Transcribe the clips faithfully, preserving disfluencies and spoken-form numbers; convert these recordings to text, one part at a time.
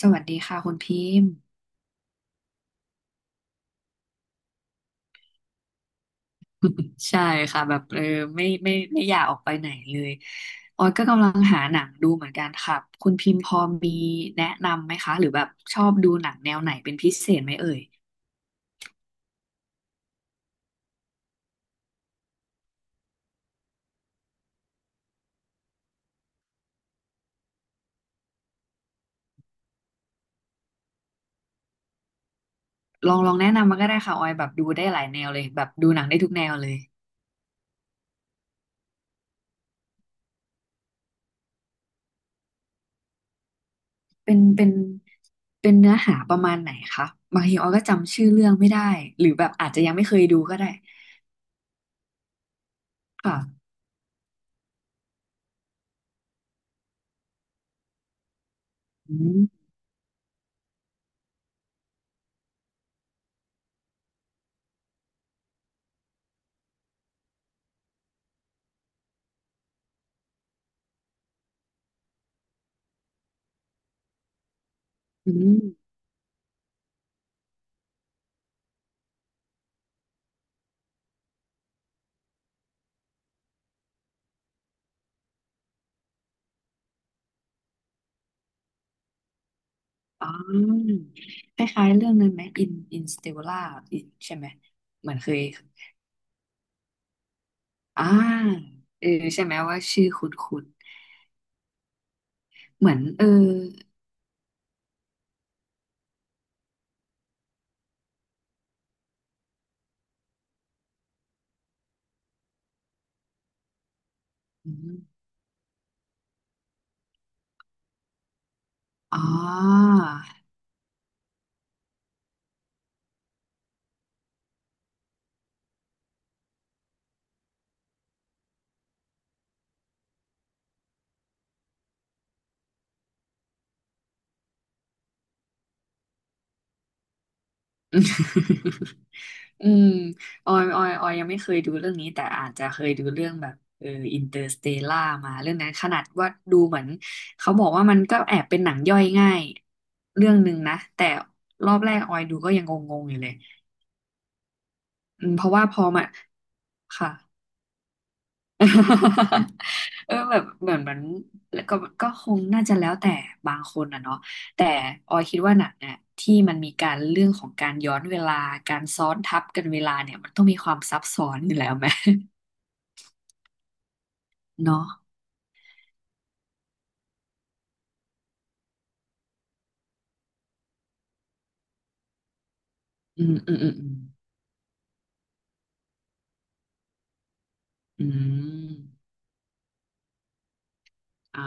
สวัสดีค่ะคุณพิมพ์ ใช่ค่ะแบบเออไม่ไม่ไม่อยากออกไปไหนเลยออยก็กำลังหาหนังดูเหมือนกันค่ะคุณพิมพ์พอมีแนะนำไหมคะหรือแบบชอบดูหนังแนวไหนเป็นพิเศษไหมเอ่ยลองลองแนะนำมาก็ได้ค่ะออยแบบดูได้หลายแนวเลยแบบดูหนังได้ทุกแนวเลยเป็นเป็นเป็นเนื้อหาประมาณไหนคะบางทีออยก็จำชื่อเรื่องไม่ได้หรือแบบอาจจะยังไม่เคยดูก็ได้ค่ะอืมอืม อ๋อคล้ายๆเรื่องนั้นไหมอินอินสเตลล่าอินใช่ไหมเหมือนเคยอ่าเออใช่ไหมว่าชื่อคุณคุณเหมือนเอออืมอ๋อ อืมออยออยออยยังไม่เคยดูเรื่องนี้แต่อาจจะเคยดูเรื่องแบบเอออินเตอร์สเตล่ามาเรื่องนั้นขนาดว่าดูเหมือนเขาบอกว่ามันก็แอบเป็นหนังย่อยง่ายเรื่องหนึ่งนะแต่รอบแรกออยดูก็ยังงงๆอยู่เลยอืมเพราะว่าพอมาค่ะ เออแบบเหมือนมันแล้วก็ก็คงน่าจะแล้วแต่บางคนอ่ะเนาะแต่ออยคิดว่าหนังอ่ะที่มันมีการเรื่องของการย้อนเวลาการซ้อนทับกันเวลาเนี่ยมันต้องมีความซับซ้อนอยู่แล้วไหม เนาะอืมอืมอืมอืมอืมอ่า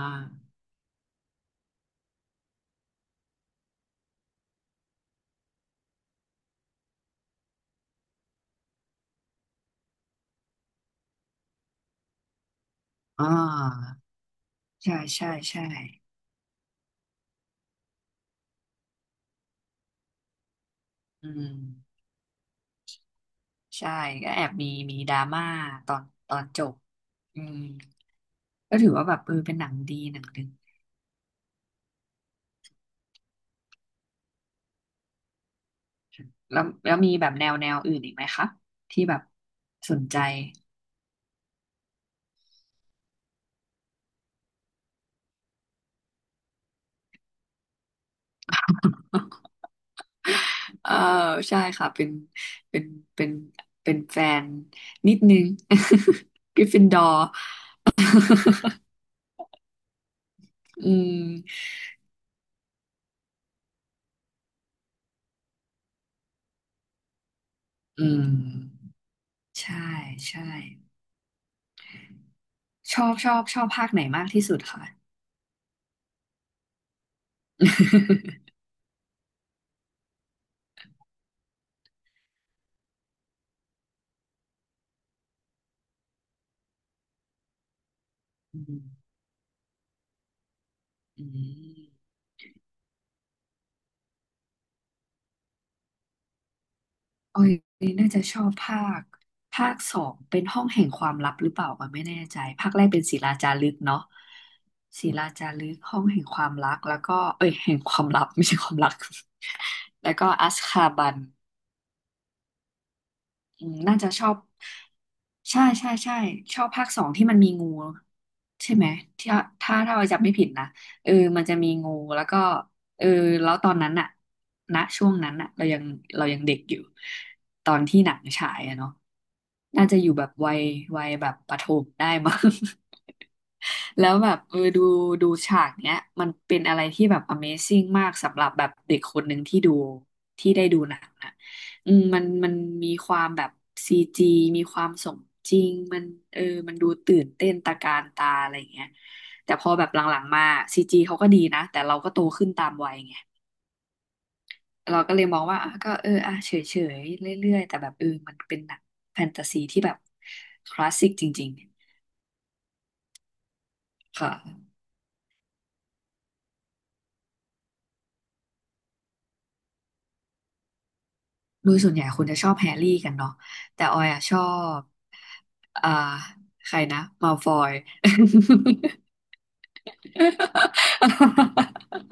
อ่าใช่ใช่ใช่อืมใช่ก็แอบมีมีดราม่าตอนตอนจบอืมก็ถือว่าแบบเออเป็นหนังดีหนังหนึ่ง แล้วแล้วมีแบบแนวแนวอื่นอีกไหมคะที่แบบสนใจเออใช่ค่ะเป็นเป็นเป็นเป็นแฟนนิดนึง กริฟฟินดอร์อืมอืมใช่ใช่ชอบชอบชอบภาคไหนมากที่สุดคะ อืมอืม ออยน่าจะชอบภาคภาคสองเป็นห้องแห่งความลับหรือเปล่าก็ไม่แน่ใจภาคแรกเป็นศิลาจารึกเนาะศิลาจารึกห้องแห่งความรักแล้วก็เอ้ยแห่งความลับไม่ใช่ความรัก แล้วก็อัสคาบันอืมน่าจะชอบใช่ใช่ใช่ชอบภาคสองที่มันมีงูใช่ไหมที่ถ้าถ้าเราจำไม่ผิดนะเออมันจะมีงูแล้วก็ เออแล้วตอนนั้นอะณช่วงนั้นอะเรายังเรายังเด็กอยู่ตอนที่หนังฉายอะเนาะน่าจะอยู่แบบวัยวัยแบบประถมได้มั้ง แล้วแบบเออดูดูฉากเนี้ยมันเป็นอะไรที่แบบ Amazing มากสำหรับแบบเด็กคนหนึ่งที่ดูที่ได้ดูหนังนะอืมมันมันมีความแบบซีจีมีความสมจริงมันเออมันดูตื่นเต้นตะการตาอะไรอย่างเงี้ย แต่พอแบบหลังๆมาซีจีเขาก็ดีนะแต่เราก็โตขึ้นตามวัยไงเราก็เลยมองว่าอ่ะก็เอออ่ะเฉยๆเรื่อยๆแต่แบบเออมันเป็นหนังแฟนตาซีที่แบบคลาสสิกจริงๆค่ะโดยส่วนใหญ่คนจะชอบแฮร์รี่กันเนาะแต่ออยอ่ะชอบอ่าใครนะมัลฟอย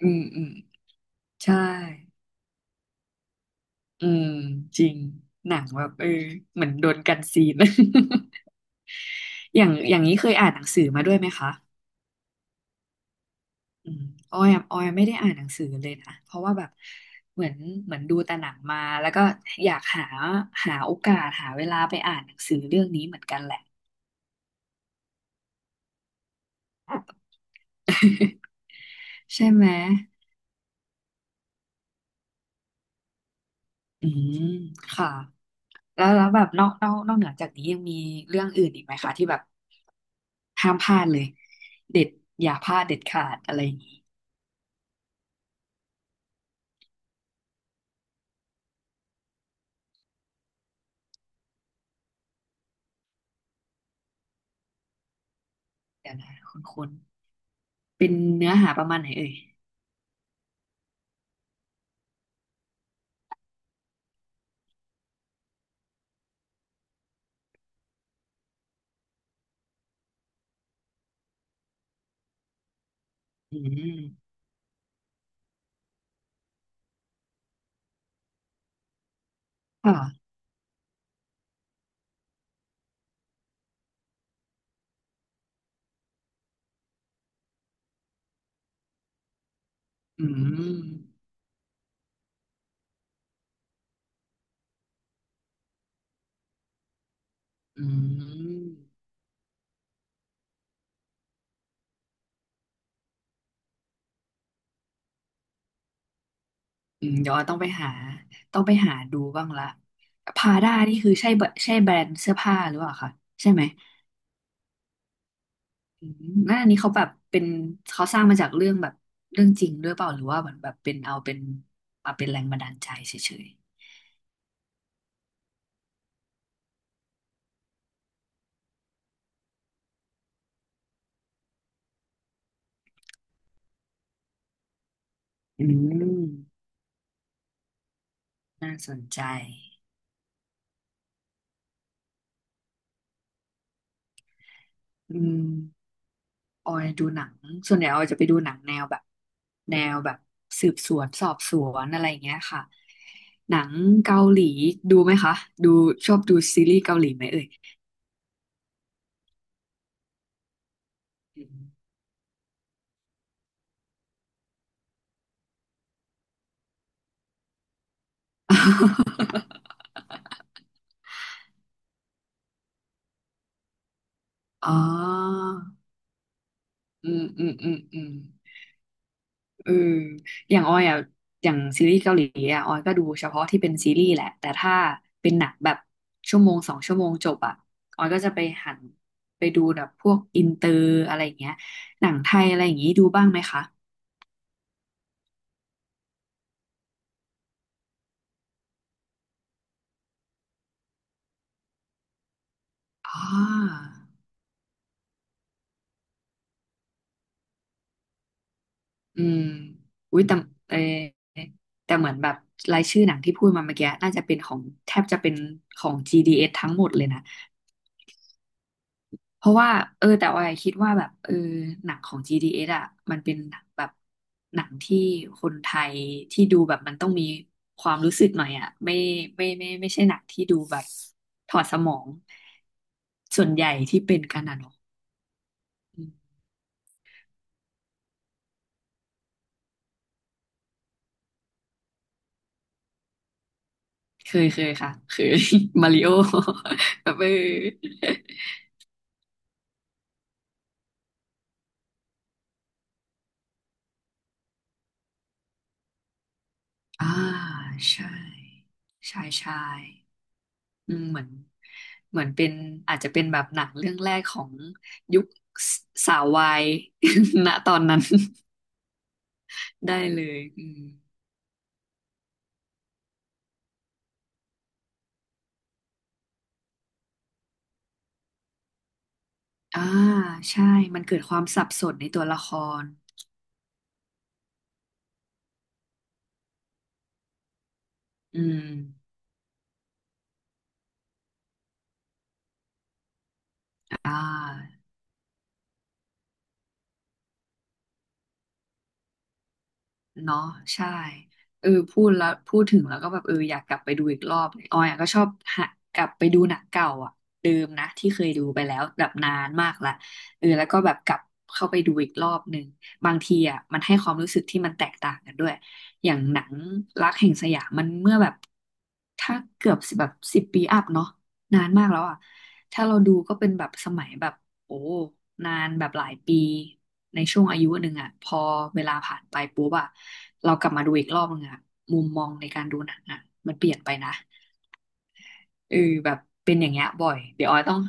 อืมอืมใช่อืมจริงหนังแบบเออเหมือนโดนกันซีน อย่างอย่างนี้เคยอ่านหนังสือมาด้วยไหมคะอืมออยอะออยไม่ได้อ่านหนังสือเลยนะ เพราะว่าแบบเหมือนเหมือนดูแต่หนังมา แล้วก็อยากหาหาโอกาสหาเวลาไปอ่านหนังสือเรื่องนี้เหมือนกันแหละ ใช่ไหมอืมค่ะแล้วแล้วแบบนอกนอกนอกเหนือจากนี้ยังมีเรื่องอื่นอีกไหมคะที่แบบห้ามพลาดเลยเด็ดอย่าพลาดเด็ดขาดอะไรอย่างนี้เดี๋ยวนะคุณคุณเป็นเนื้อหาประมาณไหนเอ่ยอืมค่ะอืม อืมอืมเดี๋ยวต้องไปหาต้องไปหาดูบ้างละพาด้านี่คือใช่แบใช่แบรนด์เสื้อผ้าหรือเปล่าคะใช่ไหมอืมนั่นอันนี้เขาแบบเป็นเขาสร้างมาจากเรื่องแบบเรื่องจริงด้วยเปล่าหรือว่าเหมือนแบบเป็นเอาเป็นมาเป็นแรงบันดาลใจเฉยๆอืมน่าสนใจอืม ออยดูหนังส่วนใหญ่ออยจะไปดูหนังแนวแบบแนวแบบสืบสวนสอบสวนอะไรอย่างเงี้ยค่ะหนังเกาหลีดูไหมคะดูชอบดูซีรีส์เกาหลีไหมเอ่ยอม อ๋ออืมอืมอืมอืม เอออย่างออยอ่ะอย่างซีรีส์เกาหลีอ่ะออยก็ดูเฉพาะที่เป็นซีรีส์แหละแต่ถ้าเป็นหนังแบบชั่วโมงสองชั่วโมงจบอ่ะออยก็จะไปหันไปดูแบบพวกอินเตอร์อะไรอย่างเงี้ยหนังไทยอะไรอย่างงี้ดูบ้างไหมคะอ๋ออืมอุ้ยแต่เออแต่เหมือนแบบรายชื่อหนังที่พูดมาเมื่อกี้น่าจะเป็นของแทบจะเป็นของ จี ดี เอส ทั้งหมดเลยนะ เพราะว่าเออแต่ว่าคิดว่าแบบเออหนังของ จี ดี เอส อสอ่ะมันเป็นหนังแบบหนังที่คนไทยที่ดูแบบมันต้องมีความรู้สึกหน่อยอ่ะไม่ไม่ไม่ไม่ไม่ใช่หนังที่ดูแบบถอดสมองส่วนใหญ่ที่เป็นกันอ่ะเนาะอืมเคยเคยค่ะเคย มาริโอ แบบเออ อ่าใช่ใช่ใช่ อืมเหมือนเหมือนเป็นอาจจะเป็นแบบหนังเรื่องแรกของยุคสสาววาย ณตอนนั้น ได้เลยอืมอ่าใช่มันเกิดความสับสนในตัวละครอืมอ่า เนาะใช่เออพูดแล้วพูดถึงแล้วก็แบบเอออยากกลับไปดูอีกรอบเลยออยอะก็ชอบหากลับไปดูหนังเก่าอ่ะเดิมนะที่เคยดูไปแล้วแบบนานมากละเออแล้วก็แบบกลับเข้าไปดูอีกรอบหนึ่งบางทีอ่ะมันให้ความรู้สึกที่มันแตกต่างกันด้วยอย่างหนังรักแห่งสยามมันเมื่อแบบถ้าเกือบแบบสิบปีอัพเนาะนานมากแล้วอ่ะถ้าเราดูก็เป็นแบบสมัยแบบ โอ้นานแบบหลายปีในช่วงอายุหนึ่งอ่ะพอเวลาผ่านไปปุ๊บอ่ะเรากลับมาดูอีกรอบนึงอ่ะมุมมองในการดูหนังอ่ะมันเปลี่ยนไปนะเออแบบเป็นอย่างเงี้ยบ่อยเดี๋ยวออยต้อง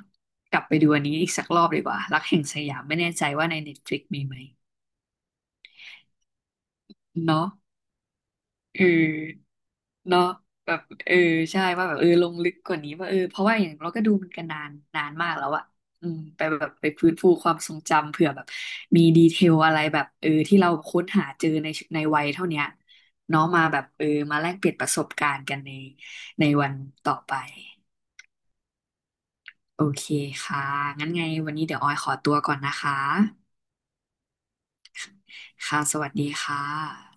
กลับไปดูอันนี้อีกสักรอบดีกว่ารักแห่งสยามไม่แน่ใจว่าใน เน็ตฟลิกซ์ มีไหมเนาะเออ เนาะแบบเออใช่ว่าแบบเออลงลึกกว่านี้ว่าเออเพราะว่าอย่างเราก็ดูมันกันนานนานมากแล้วอะอืมไปแบบไปฟื้นฟูความทรงจำเผื่อแบบมีดีเทลอะไรแบบเออที่เราค้นหาเจอในในวัยเท่าเนี้ยเนาะมาแบบเออมาแลกเปลี่ยนประสบการณ์กันในในวันต่อไปโอเคค่ะงั้นไงวันนี้เดี๋ยวออยขอตัวก่อนนะคะค่ะสวัสดีค่ะ